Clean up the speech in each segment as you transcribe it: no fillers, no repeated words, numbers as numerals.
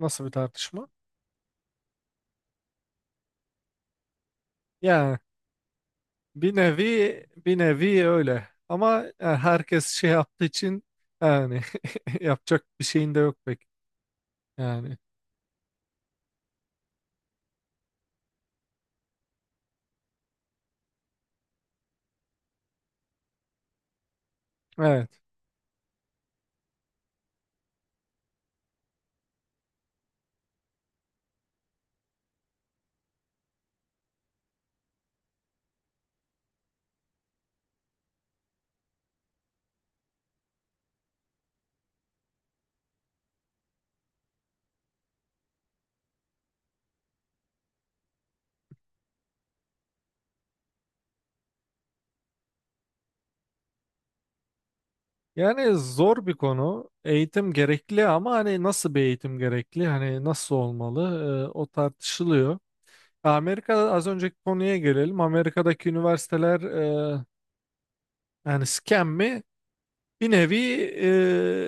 Nasıl bir tartışma? Yani bir nevi öyle. Ama yani herkes şey yaptığı için yani yapacak bir şeyin de yok pek. Yani evet. Yani zor bir konu. Eğitim gerekli ama hani nasıl bir eğitim gerekli? Hani nasıl olmalı? O tartışılıyor. Amerika'da az önceki konuya gelelim. Amerika'daki üniversiteler yani scam mi? Bir nevi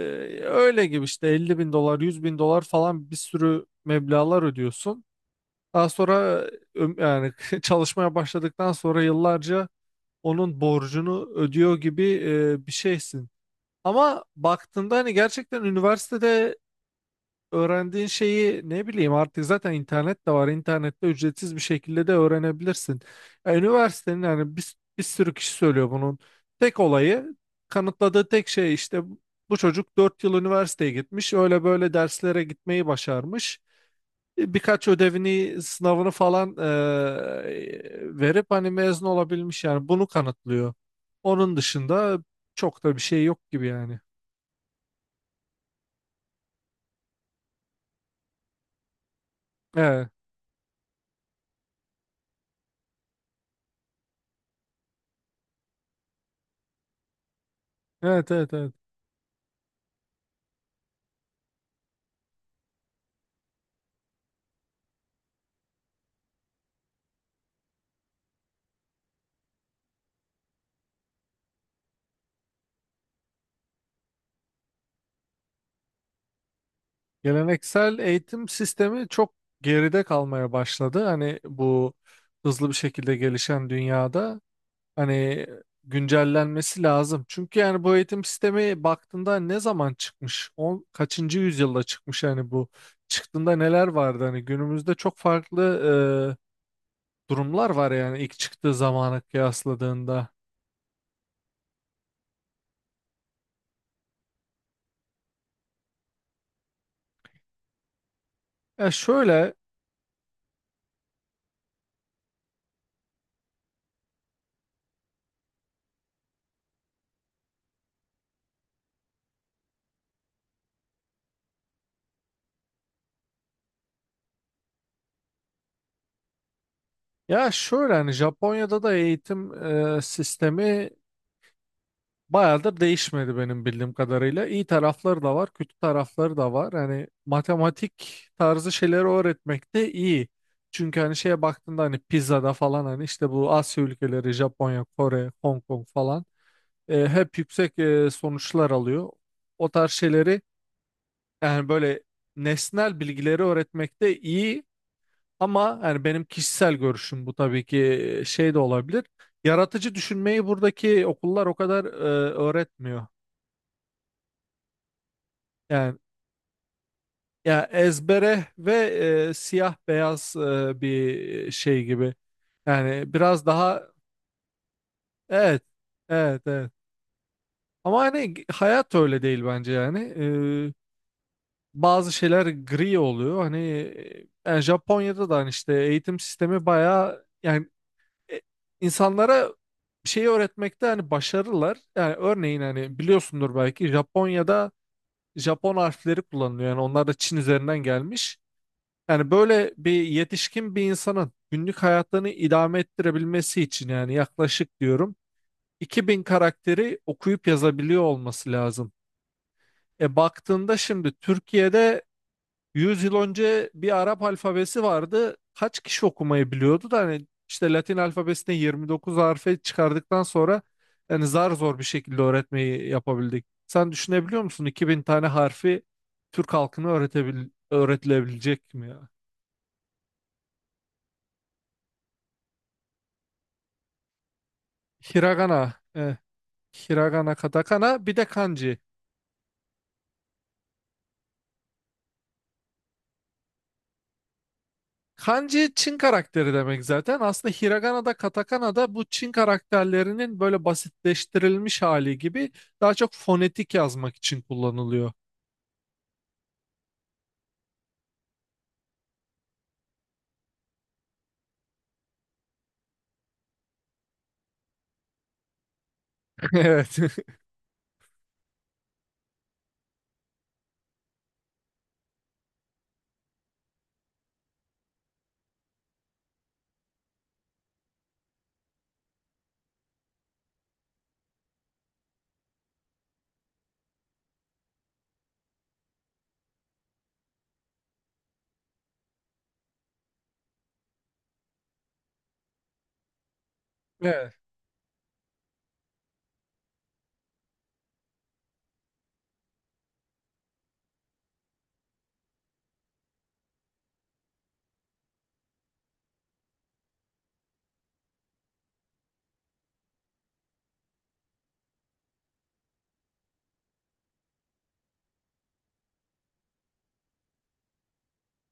öyle gibi işte 50.000 dolar 100.000 dolar falan bir sürü meblağlar ödüyorsun. Daha sonra yani çalışmaya başladıktan sonra yıllarca onun borcunu ödüyor gibi bir şeysin. Ama baktığında hani gerçekten üniversitede öğrendiğin şeyi ne bileyim artık zaten internet de var. İnternette ücretsiz bir şekilde de öğrenebilirsin. Ya, üniversitenin yani bir sürü kişi söylüyor bunun. Tek olayı kanıtladığı tek şey işte bu çocuk 4 yıl üniversiteye gitmiş. Öyle böyle derslere gitmeyi başarmış. Birkaç ödevini, sınavını falan verip hani mezun olabilmiş yani bunu kanıtlıyor. Onun dışında çok da bir şey yok gibi yani. Evet, evet, evet, evet. Geleneksel eğitim sistemi çok geride kalmaya başladı. Hani bu hızlı bir şekilde gelişen dünyada hani güncellenmesi lazım. Çünkü yani bu eğitim sistemi baktığında ne zaman çıkmış? Kaçıncı yüzyılda çıkmış yani bu? Çıktığında neler vardı? Hani günümüzde çok farklı durumlar var yani ilk çıktığı zamana kıyasladığında. Ya şöyle ya şöyle, hani Japonya'da da eğitim sistemi bayağıdır değişmedi benim bildiğim kadarıyla. İyi tarafları da var, kötü tarafları da var. Hani matematik tarzı şeyleri öğretmek de iyi. Çünkü hani şeye baktığında hani pizzada falan hani işte bu Asya ülkeleri, Japonya, Kore, Hong Kong falan hep yüksek sonuçlar alıyor. O tarz şeyleri yani böyle nesnel bilgileri öğretmek de iyi ama yani benim kişisel görüşüm bu tabii ki şey de olabilir. Yaratıcı düşünmeyi buradaki okullar o kadar öğretmiyor. Yani ya ezbere ve siyah beyaz bir şey gibi. Yani biraz daha. Evet, evet, evet. Ama hani hayat öyle değil bence yani. E, Bazı şeyler gri oluyor. Hani yani Japonya'da da hani işte eğitim sistemi bayağı yani e, insanlara bir şeyi öğretmekte hani başarılılar. Yani örneğin hani biliyorsundur belki Japonya'da Japon harfleri kullanılıyor. Yani onlar da Çin üzerinden gelmiş. Yani böyle bir yetişkin bir insanın günlük hayatlarını idame ettirebilmesi için yani yaklaşık diyorum 2000 karakteri okuyup yazabiliyor olması lazım. Baktığında şimdi Türkiye'de 100 yıl önce bir Arap alfabesi vardı. Kaç kişi okumayı biliyordu da hani işte Latin alfabesine 29 harfe çıkardıktan sonra yani zar zor bir şekilde öğretmeyi yapabildik. Sen düşünebiliyor musun 2000 tane harfi Türk halkına öğretilebilecek mi ya? Hiragana. Eh. Hiragana, katakana, bir de kanji. Kanji Çin karakteri demek zaten. Aslında hiragana da katakana da bu Çin karakterlerinin böyle basitleştirilmiş hali gibi daha çok fonetik yazmak için kullanılıyor. Evet. Evet.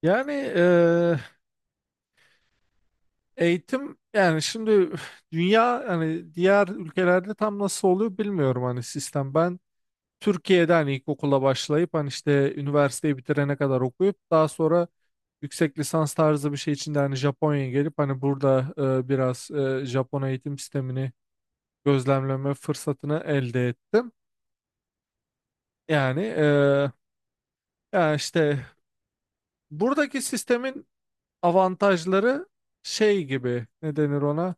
Yani eğitim yani şimdi dünya hani diğer ülkelerde tam nasıl oluyor bilmiyorum hani sistem. Ben Türkiye'de hani ilkokula başlayıp hani işte üniversiteyi bitirene kadar okuyup daha sonra yüksek lisans tarzı bir şey için de hani Japonya'ya gelip hani burada biraz Japon eğitim sistemini gözlemleme fırsatını elde ettim. Yani ya işte buradaki sistemin avantajları şey gibi, ne denir ona?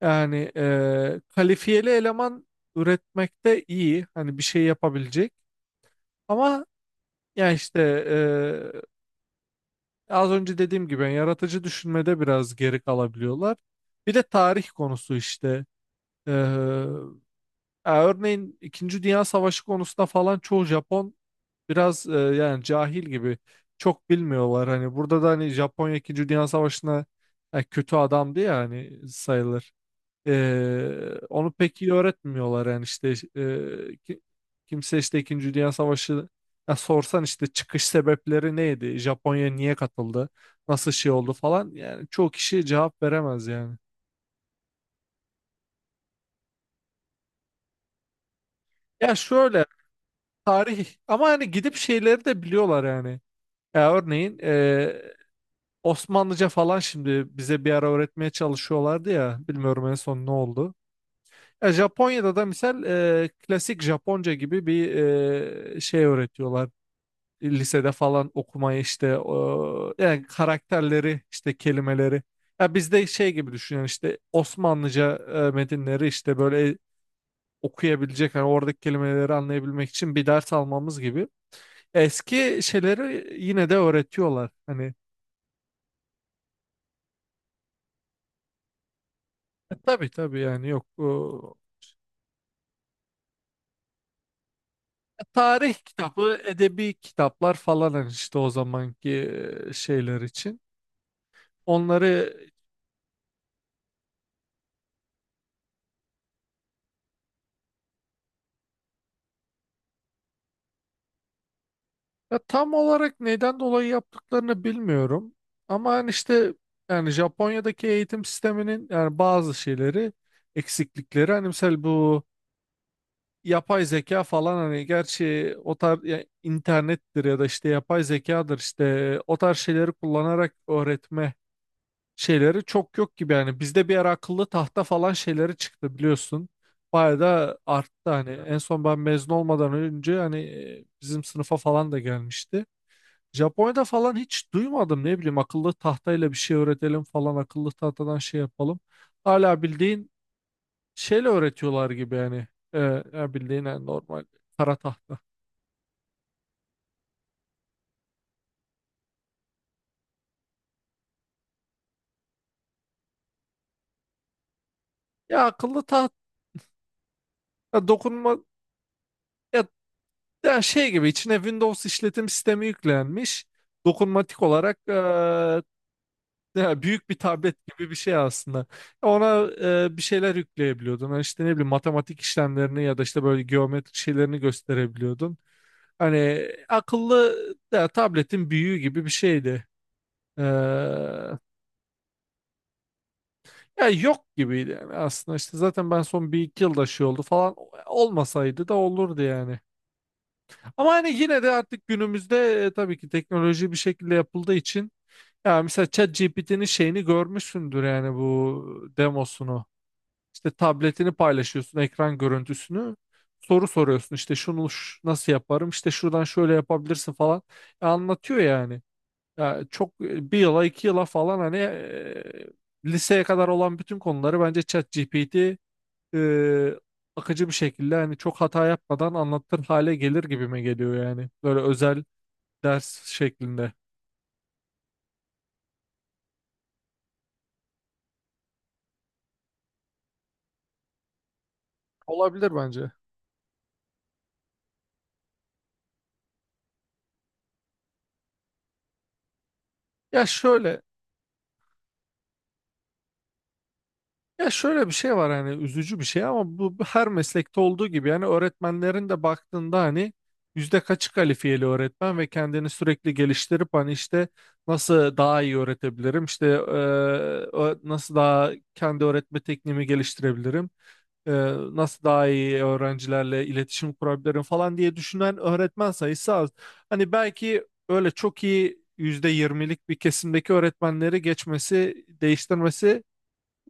Yani kalifiyeli eleman üretmekte iyi. Hani bir şey yapabilecek. Ama ya işte az önce dediğim gibi yani yaratıcı düşünmede biraz geri kalabiliyorlar. Bir de tarih konusu işte. Ee, Ya örneğin İkinci Dünya Savaşı konusunda falan çoğu Japon biraz yani cahil gibi çok bilmiyorlar. Hani burada da hani Japonya İkinci Dünya Savaşı'na kötü adamdı ya hani sayılır. Onu pek iyi öğretmiyorlar yani işte e, ki- kimse işte İkinci Dünya Savaşı, ya sorsan işte çıkış sebepleri neydi? Japonya niye katıldı? Nasıl şey oldu falan yani çoğu kişi cevap veremez yani. Ya şöyle, tarih ama hani gidip şeyleri de biliyorlar yani. Ya örneğin Osmanlıca falan şimdi bize bir ara öğretmeye çalışıyorlardı ya, bilmiyorum en son ne oldu. Ya Japonya'da da misal klasik Japonca gibi bir şey öğretiyorlar. Lisede falan okumayı işte o, yani karakterleri işte kelimeleri. Ya bizde şey gibi düşünün işte Osmanlıca metinleri işte böyle okuyabilecek hani oradaki kelimeleri anlayabilmek için bir ders almamız gibi. Eski şeyleri yine de öğretiyorlar. Hani tabii tabii yani yok. Tarih kitabı, edebi kitaplar falan hani işte o zamanki şeyler için. Onları ya, tam olarak neden dolayı yaptıklarını bilmiyorum. Ama hani işte yani Japonya'daki eğitim sisteminin yani bazı şeyleri, eksiklikleri hani mesela bu yapay zeka falan, hani gerçi o tarz ya internettir ya da işte yapay zekadır, işte o tarz şeyleri kullanarak öğretme şeyleri çok yok gibi yani. Bizde bir ara akıllı tahta falan şeyleri çıktı biliyorsun. Bayağı da arttı hani, en son ben mezun olmadan önce hani bizim sınıfa falan da gelmişti. Japonya'da falan hiç duymadım, ne bileyim akıllı tahtayla bir şey öğretelim falan, akıllı tahtadan şey yapalım. Hala bildiğin şeyle öğretiyorlar gibi yani. Ee, Ya bildiğin yani normal kara tahta. Ya akıllı tahta, ya dokunma ya, ya, şey gibi içine Windows işletim sistemi yüklenmiş. Dokunmatik olarak ya büyük bir tablet gibi bir şey aslında. Ona bir şeyler yükleyebiliyordun. Yani işte ne bileyim matematik işlemlerini ya da işte böyle geometrik şeylerini gösterebiliyordun. Hani akıllı, ya, tabletin büyüğü gibi bir şeydi. Ee, Ya yok gibiydi yani aslında, işte zaten ben son bir iki yılda şey oldu falan, olmasaydı da olurdu yani. Ama hani yine de artık günümüzde tabii ki teknoloji bir şekilde yapıldığı için, ya mesela ChatGPT'nin şeyini görmüşsündür yani, bu demosunu. İşte tabletini paylaşıyorsun, ekran görüntüsünü soru soruyorsun, işte şunu nasıl yaparım, işte şuradan şöyle yapabilirsin falan anlatıyor yani. Ya çok bir yıla iki yıla falan, hani liseye kadar olan bütün konuları bence ChatGPT e, akıcı bir şekilde hani çok hata yapmadan anlatır hale gelir gibime geliyor yani. Böyle özel ders şeklinde. Olabilir bence. Ya şöyle ya şöyle, bir şey var, hani üzücü bir şey ama, bu her meslekte olduğu gibi yani öğretmenlerin de baktığında hani yüzde kaçı kalifiyeli öğretmen ve kendini sürekli geliştirip hani işte nasıl daha iyi öğretebilirim işte nasıl daha kendi öğretme tekniğimi geliştirebilirim, e, nasıl daha iyi öğrencilerle iletişim kurabilirim falan diye düşünen öğretmen sayısı az. Hani belki öyle çok iyi %20'lik bir kesimdeki öğretmenleri geçmesi, değiştirmesi,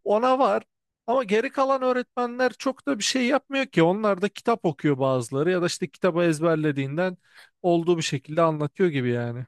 ona var. Ama geri kalan öğretmenler çok da bir şey yapmıyor ki. Onlar da kitap okuyor bazıları, ya da işte kitabı ezberlediğinden olduğu bir şekilde anlatıyor gibi yani.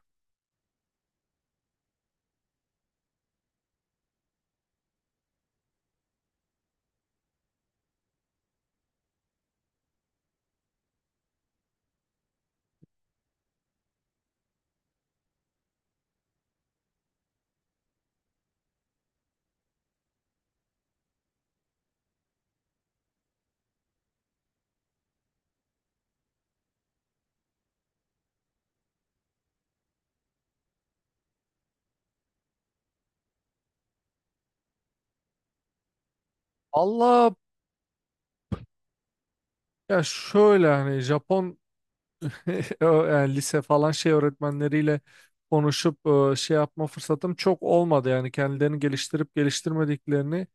Allah, ya şöyle hani Japon yani lise falan şey öğretmenleriyle konuşup şey yapma fırsatım çok olmadı. Yani kendilerini geliştirip geliştirmediklerini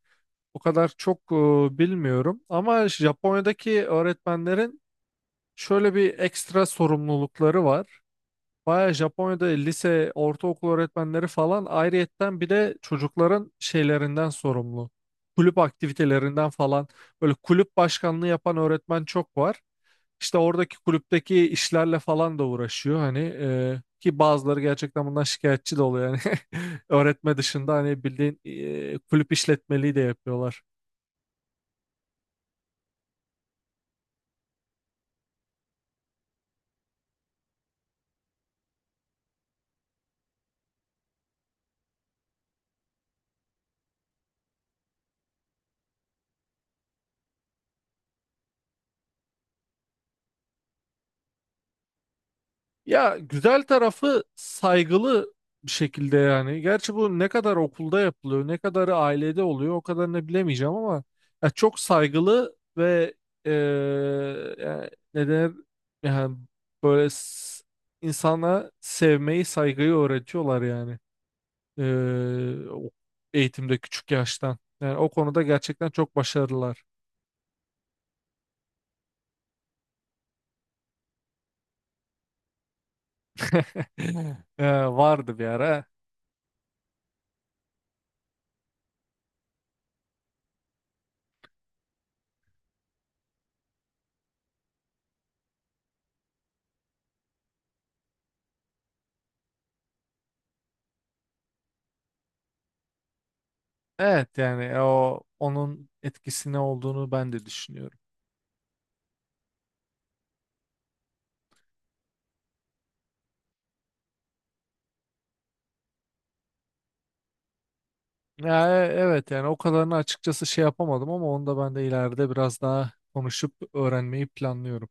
o kadar çok bilmiyorum. Ama Japonya'daki öğretmenlerin şöyle bir ekstra sorumlulukları var. Baya Japonya'da lise, ortaokul öğretmenleri falan ayrıyetten bir de çocukların şeylerinden sorumlu. Kulüp aktivitelerinden falan, böyle kulüp başkanlığı yapan öğretmen çok var. İşte oradaki kulüpteki işlerle falan da uğraşıyor hani, ki bazıları gerçekten bundan şikayetçi de oluyor yani öğretme dışında hani bildiğin kulüp işletmeliği de yapıyorlar. Ya güzel tarafı saygılı bir şekilde yani. Gerçi bu ne kadar okulda yapılıyor, ne kadarı ailede oluyor o kadarını bilemeyeceğim ama ya çok saygılı ve e, yani ne denir, yani böyle insana sevmeyi, saygıyı öğretiyorlar yani. Ee, o- Eğitimde küçük yaştan. Yani o konuda gerçekten çok başarılılar. Vardı bir ara. Evet yani onun etkisine olduğunu ben de düşünüyorum. Ya, evet yani o kadarını açıkçası şey yapamadım ama onu da ben de ileride biraz daha konuşup öğrenmeyi planlıyorum.